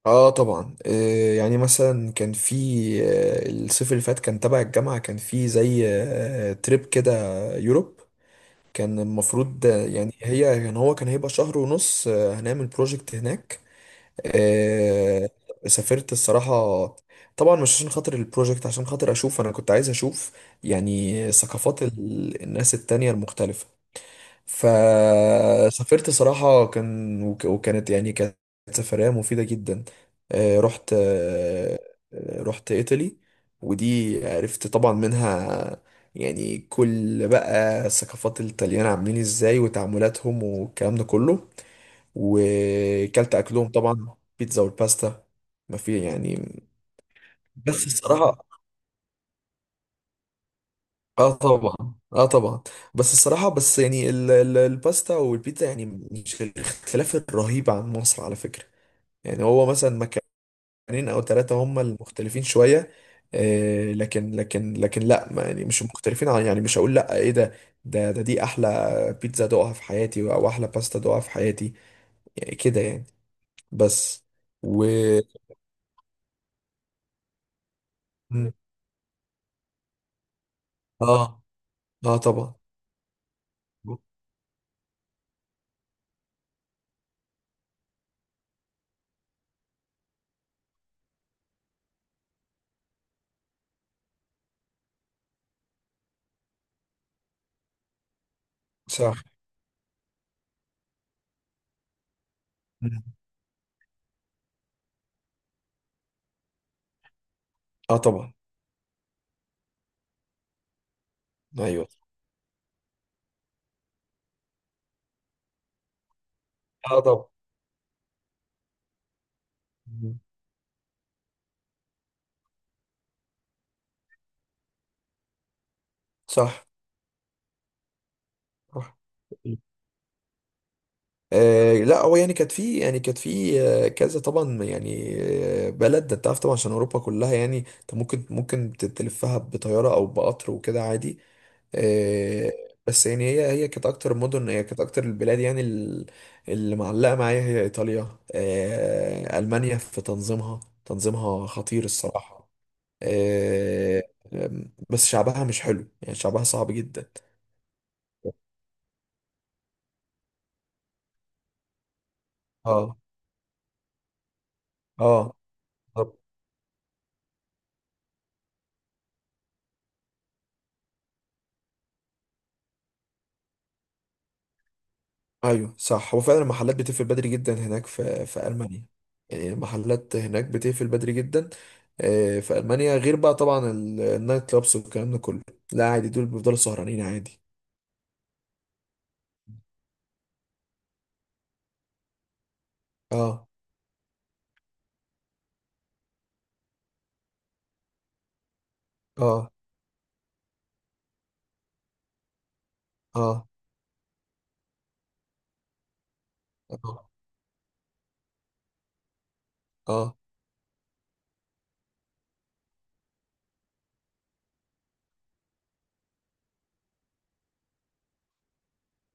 اه طبعا يعني مثلا كان في الصيف اللي فات، كان تبع الجامعة، كان في زي تريب كده، يوروب. كان المفروض آه، يعني هي يعني هو كان هيبقى شهر ونص. هنعمل بروجكت هناك. آه، سافرت الصراحة. طبعا مش عشان خاطر البروجكت، عشان خاطر انا كنت عايز اشوف يعني ثقافات الناس التانية المختلفة. فسافرت صراحة، كان وك- وكانت يعني كانت سفرية مفيدة جدا. آه، رحت آه، رحت إيطالي. ودي عرفت طبعا منها يعني كل بقى ثقافات الطليان عاملين ازاي وتعاملاتهم والكلام ده كله. وكلت أكلهم طبعا، بيتزا والباستا. ما في يعني. بس الصراحة. اه طبعا. اه طبعا. بس الصراحة، بس يعني الباستا والبيتزا يعني مش الاختلاف الرهيب عن مصر على فكرة. يعني هو مثلا مكانين او ثلاثة هم المختلفين شوية، لكن لا، ما يعني مش مختلفين عن، يعني مش هقول لا ايه ده، دي احلى بيتزا دوقها في حياتي، او احلى باستا دوقها في حياتي، يعني كده يعني. بس و. مم. اه. اه طبعا. صح. مم. اه طبعا. ايوه. اه طبعا. مم. صح. صح. لا، هو يعني كانت في كذا طبعا يعني بلد. ده انت عارف طبعا، عشان اوروبا كلها، يعني انت ممكن تلفها بطياره او بقطر وكده عادي. آه بس يعني هي كانت اكتر البلاد، يعني اللي معلقه معايا هي ايطاليا. المانيا في تنظيمها، تنظيمها خطير الصراحه. آه آم، بس شعبها مش حلو، يعني شعبها صعب جدا. اه. اه. ايوه صح، هو فعلا المحلات بتقفل بدري جدا هناك في المانيا. يعني المحلات هناك بتقفل بدري جدا في المانيا، غير بقى طبعا النايت كلابس والكلام ده كله. لا عادي، دول بيفضلوا سهرانين عادي. اه. اه. اه. اه. اه.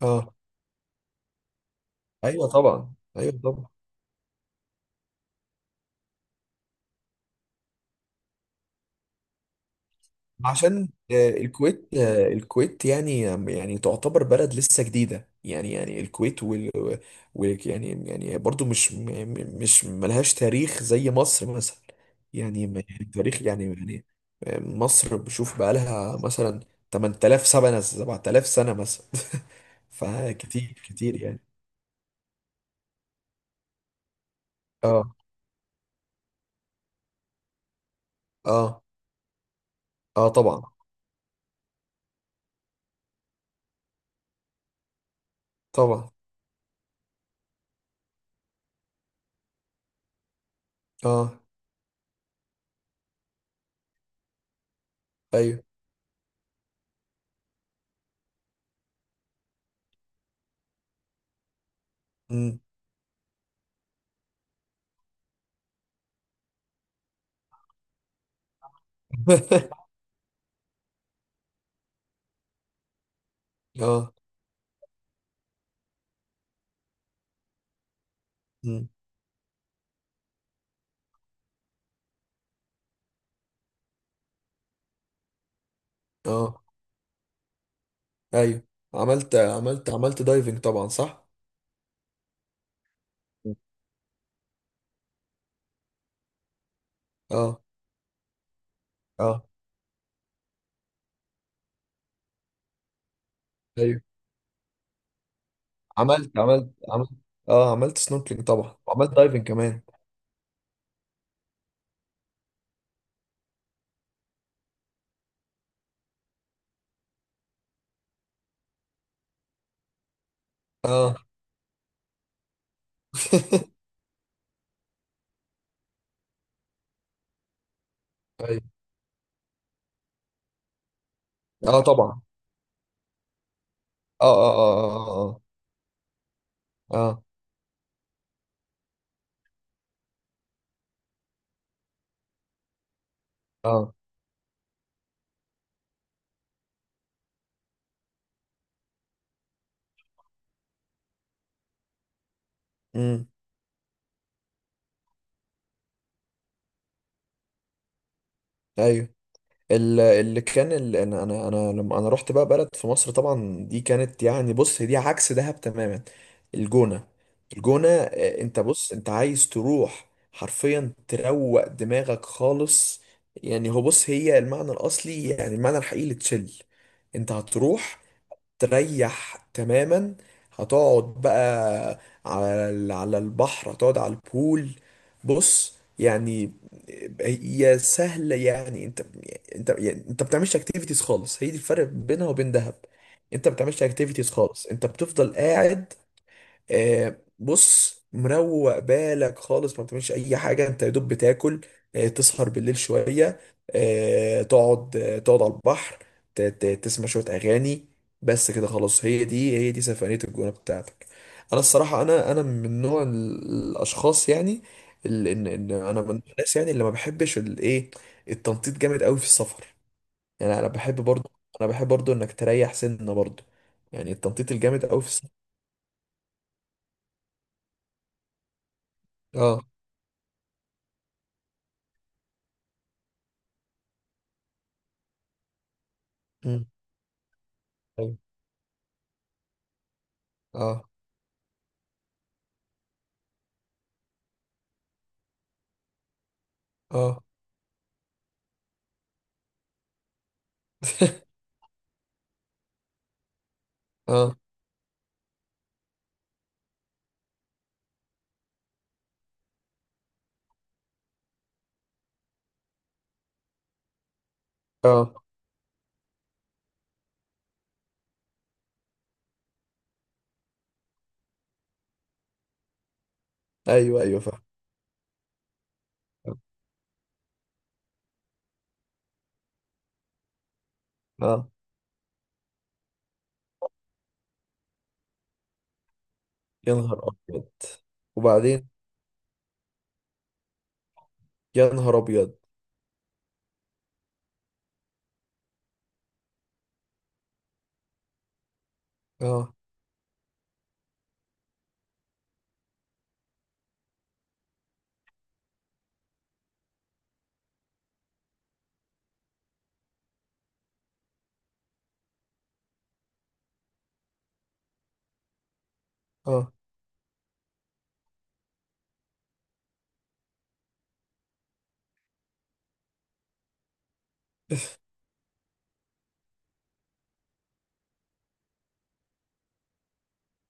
اه. ايوه طبعا، ايوه طبعا. عشان الكويت، يعني تعتبر بلد لسه جديدة، يعني الكويت وال, وال يعني يعني برضو مش م- م- مش ملهاش تاريخ زي مصر مثلا. يعني تاريخ يعني مصر بشوف بقالها مثلا 8000 سنة، 7000 سنة مثلا فكتير كتير يعني. اه. اه. اه طبعا طبعا. اه. ايوه. مم. اه. مم. اه. ايوه. عملت دايفنج طبعا، صح. اه. اه. ايوه، عملت عملت عملت اه عملت سنوركلينج طبعا، وعملت دايفنج كمان. اه. ايوه. اه طبعا. اه. اه. اه. اه. اه. اه. اه. امم. ايوه. انا انا انا لما انا رحت بقى بلد في مصر طبعا، دي كانت يعني، بص، هي دي عكس دهب تماما. الجونة. الجونة، انت بص، انت عايز تروح حرفيا تروق دماغك خالص. يعني هو، بص، هي المعنى الاصلي، يعني المعنى الحقيقي لتشيل. انت هتروح تريح تماما، هتقعد بقى على على البحر، هتقعد على البول. بص يعني، هي سهلة يعني، انت، انت بتعملش اكتيفيتيز خالص، هي دي الفرق بينها وبين دهب. انت بتعملش اكتيفيتيز خالص، انت بتفضل قاعد. بص مروق بالك خالص، ما بتعملش اي حاجه، انت يا دوب بتاكل، تسهر بالليل شويه، تقعد على البحر، تسمع شويه اغاني، بس كده خلاص. هي دي سفريه الجونه بتاعتك. انا الصراحه، انا من نوع الاشخاص، يعني ال- ان ان انا من الناس يعني اللي ما بحبش الايه، التنطيط جامد قوي في السفر. يعني انا بحب برضو انك تريح سنه برضو، يعني التنطيط الجامد قوي في السفر. اه. مم. اه. اه. اه. اه. ايوه. ايوه فاهم. اه. يا نهار ابيض. وبعدين. يا نهار ابيض. اه. اه.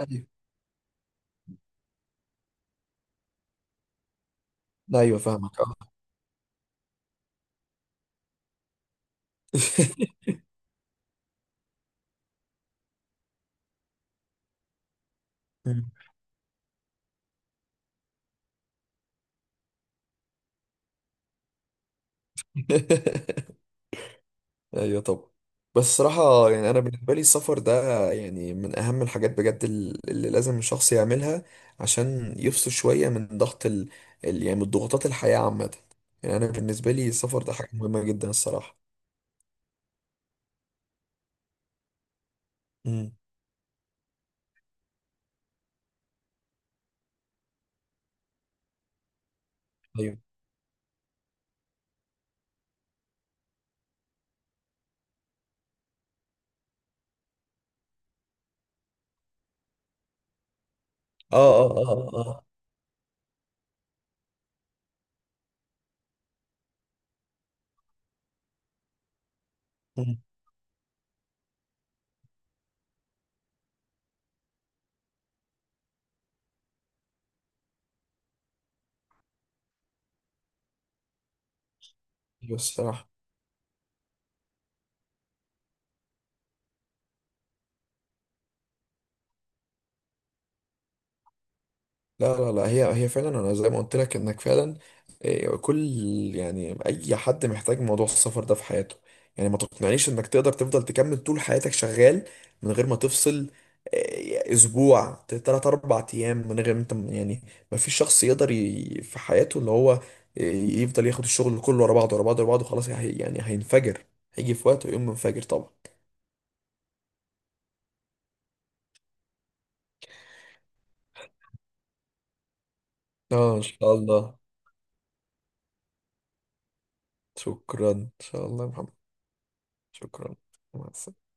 ايوه. ايوه فاهمك. اه. مم. ايوه طبعا. بس صراحة، يعني انا بالنسبة لي السفر ده يعني من اهم الحاجات بجد اللي لازم الشخص يعملها عشان يفصل شوية من ضغط يعني من ضغوطات الحياة عامة. يعني انا بالنسبة لي السفر ده حاجة مهمة جدا الصراحة. امم. ايوه. اه. اه. اه. اه. ايوه الصراحه. لا، لا، لا، هي فعلا، انا زي ما قلت لك انك فعلا، إيه، يعني اي حد محتاج موضوع السفر ده في حياته. يعني ما تقنعنيش انك تقدر تفضل تكمل طول حياتك شغال من غير ما تفصل إيه، اسبوع، تلات اربع ايام، من غير ما انت يعني. ما فيش شخص يقدر في حياته، اللي هو إيه، يفضل ياخد الشغل كله ورا بعضه ورا بعضه ورا بعضه. خلاص يعني هينفجر، هيجي في وقت ويقوم منفجر طبعا. اه ان شاء الله. شكرا ان شاء الله يا محمد. شكرا. مع السلامه.